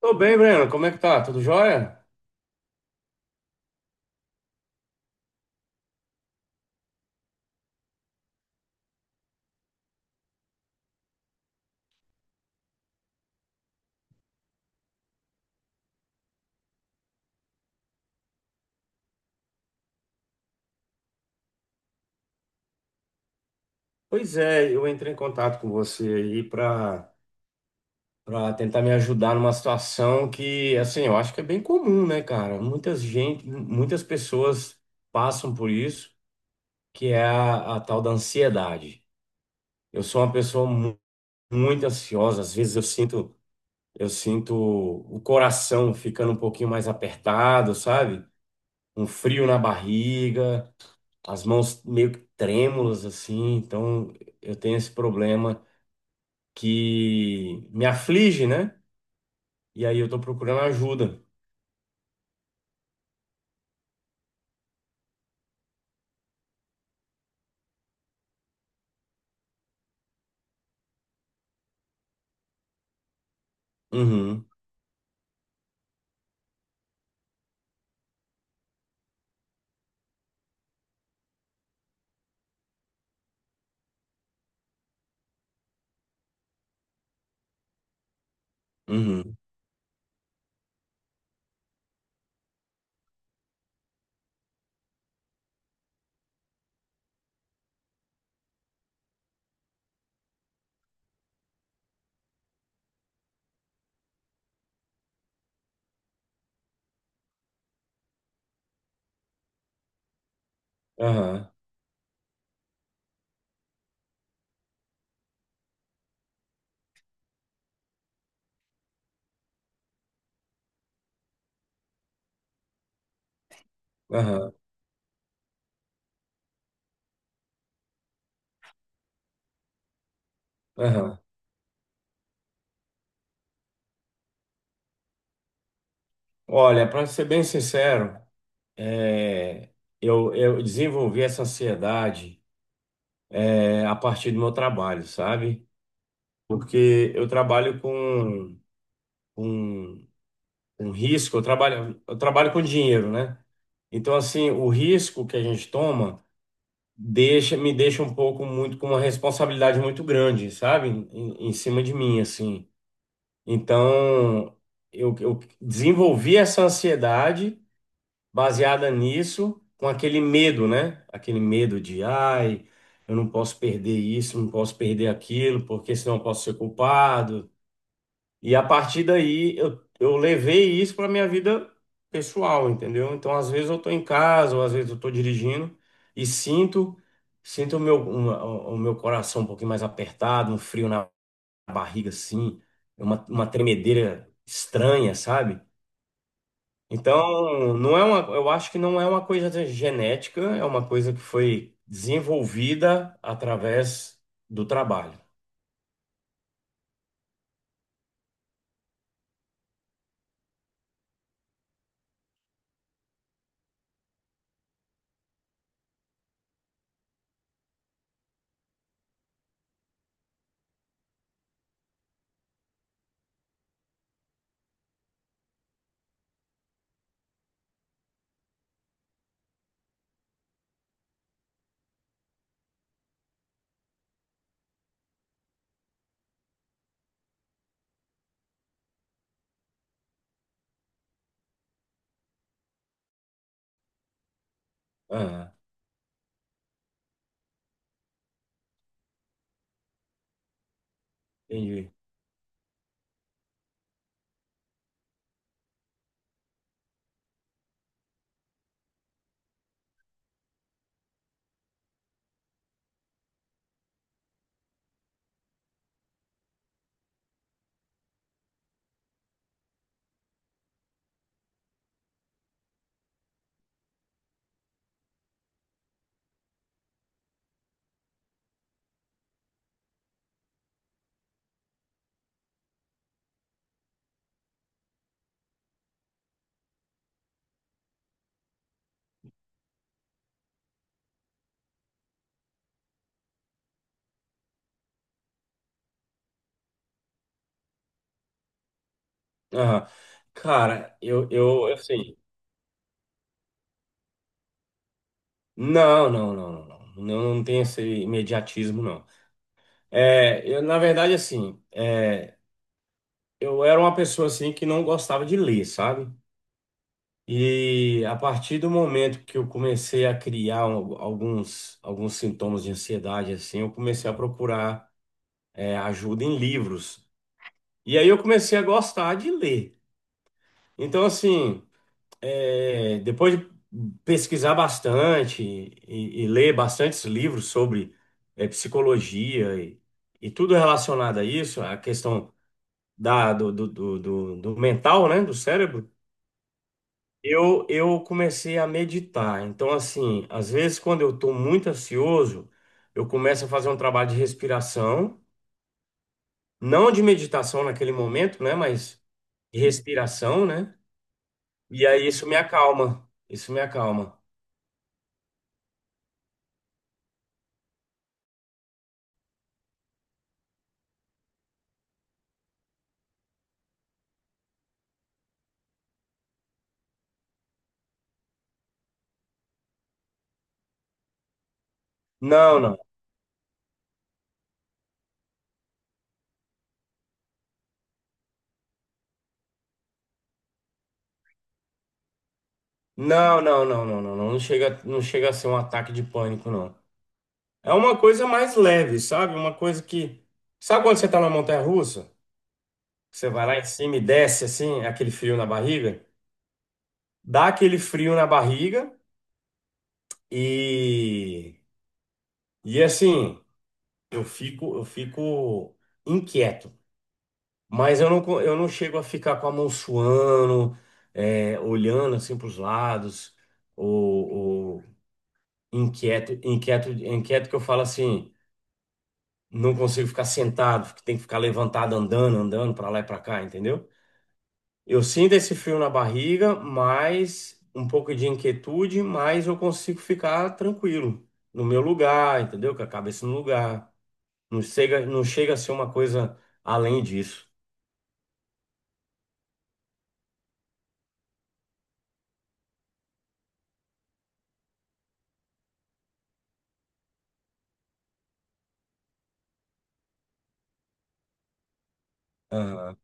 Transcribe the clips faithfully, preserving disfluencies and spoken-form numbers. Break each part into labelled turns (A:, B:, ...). A: Tô bem, Breno. Como é que tá? Tudo jóia? Pois é, eu entrei em contato com você aí para para tentar me ajudar numa situação que, assim, eu acho que é bem comum, né, cara? Muitas gente, muitas pessoas passam por isso, que é a, a tal da ansiedade. Eu sou uma pessoa mu- muito ansiosa, às vezes eu sinto eu sinto o coração ficando um pouquinho mais apertado, sabe? Um frio na barriga. As mãos meio que trêmulas assim, então eu tenho esse problema que me aflige, né? E aí eu tô procurando ajuda. Uhum, uhum, aham, aham, aham. Olha, para ser bem sincero, é, eu, eu desenvolvi essa ansiedade é, a partir do meu trabalho, sabe? Porque eu trabalho com, com, com risco, eu trabalho, eu trabalho com dinheiro, né? Então, assim, o risco que a gente toma deixa, me deixa um pouco muito com uma responsabilidade muito grande, sabe? Em, em cima de mim, assim. Então, eu, eu desenvolvi essa ansiedade baseada nisso, com aquele medo, né? Aquele medo de, ai, eu não posso perder isso, não posso perder aquilo, porque senão eu posso ser culpado. E a partir daí eu, eu levei isso para minha vida pessoal, entendeu? Então, às vezes eu tô em casa, ou às vezes eu tô dirigindo e sinto sinto o meu, uma- o meu coração um pouquinho mais apertado, um frio na barriga assim, uma, uma tremedeira estranha, sabe? Então, não é uma, eu acho que não é uma coisa genética, é uma coisa que foi desenvolvida através do trabalho. Aham, entendi. Aham. Cara, eu, eu assim, não, não, não, não, não. Não, não tem esse imediatismo, não. É, eu, na verdade, assim, é, eu era uma pessoa assim que não gostava de ler, sabe? E a partir do momento que eu comecei a criar um- alguns, alguns sintomas de ansiedade, assim, eu comecei a procurar, é, ajuda em livros. E aí eu comecei a gostar de ler. Então, assim, é, depois de pesquisar bastante e, e ler bastantes livros sobre é, psicologia e, e tudo relacionado a isso, a questão da, do, do, do, do- do mental, né, do cérebro, eu, eu comecei a meditar. Então, assim, às vezes quando eu estou muito ansioso, eu começo a fazer um trabalho de respiração, não de meditação naquele momento, né, mas de respiração, né? E aí isso me acalma, isso me acalma. Não, não. Não, não, não, não, não, não, não chega, não chega a ser um ataque de pânico, não. É uma coisa mais leve, sabe? Uma coisa que. Sabe quando você tá na montanha-russa? Você vai lá em cima e desce assim, aquele frio na barriga? Dá aquele frio na barriga e. E assim, eu fico, eu fico inquieto. Mas eu não, co- eu não chego a ficar com a mão suando, é, olhando assim para os lados, ou, ou inquieto, inquieto, inquieto que eu falo assim. Não consigo ficar sentado, tem que ficar levantado, andando, andando para lá e para cá, entendeu? Eu sinto esse frio na barriga, mas um pouco de inquietude, mas eu consigo ficar tranquilo no meu lugar, entendeu? Com a cabeça no lugar. Não chega, não chega a ser uma coisa além disso. Aham,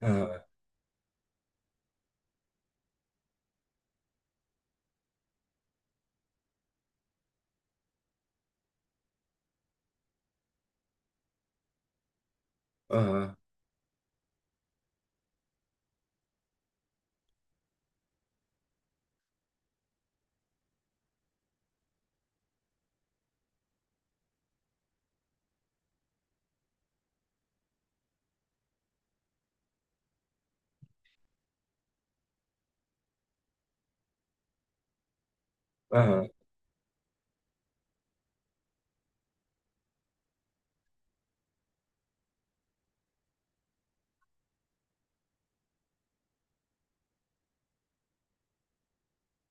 A: aham, aham, aham,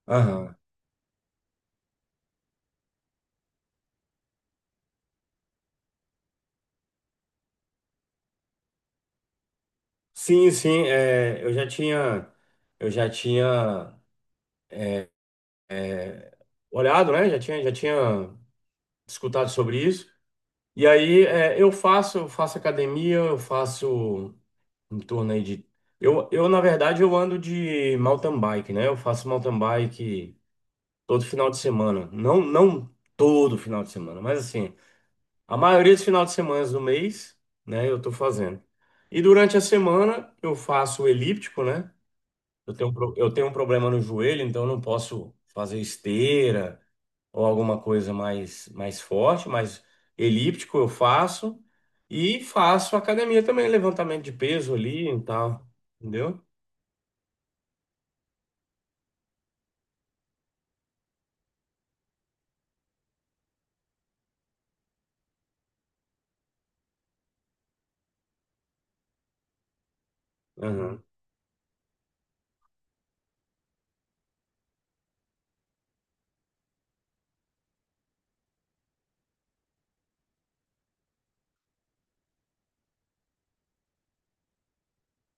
A: aham. Sim, sim, é, eu já tinha, eu já tinha olhado, né? Já tinha, já tinha escutado sobre isso. E aí, é, eu faço, eu faço academia, eu faço em torno aí de. Eu, eu, na verdade, eu ando de mountain bike, né? Eu faço mountain bike todo final de semana. Não, não todo final de semana, mas assim, a maioria dos finais de semana do mês, né, eu tô fazendo. E durante a semana eu faço o elíptico, né? Eu tenho, um pro- eu tenho um problema no joelho, então eu não posso fazer esteira ou alguma coisa mais, mais forte, mas elíptico eu faço e faço academia também, levantamento de peso ali e tal, entendeu? Aham,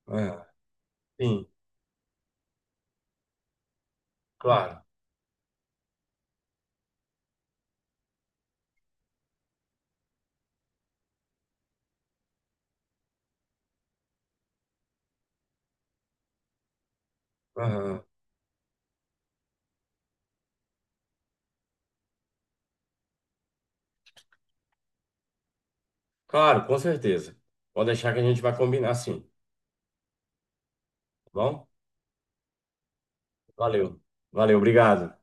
A: aham. Sim, claro. Aham. Claro, com certeza. Pode deixar que a gente vai combinar sim, tá bom? Valeu. Valeu, obrigado.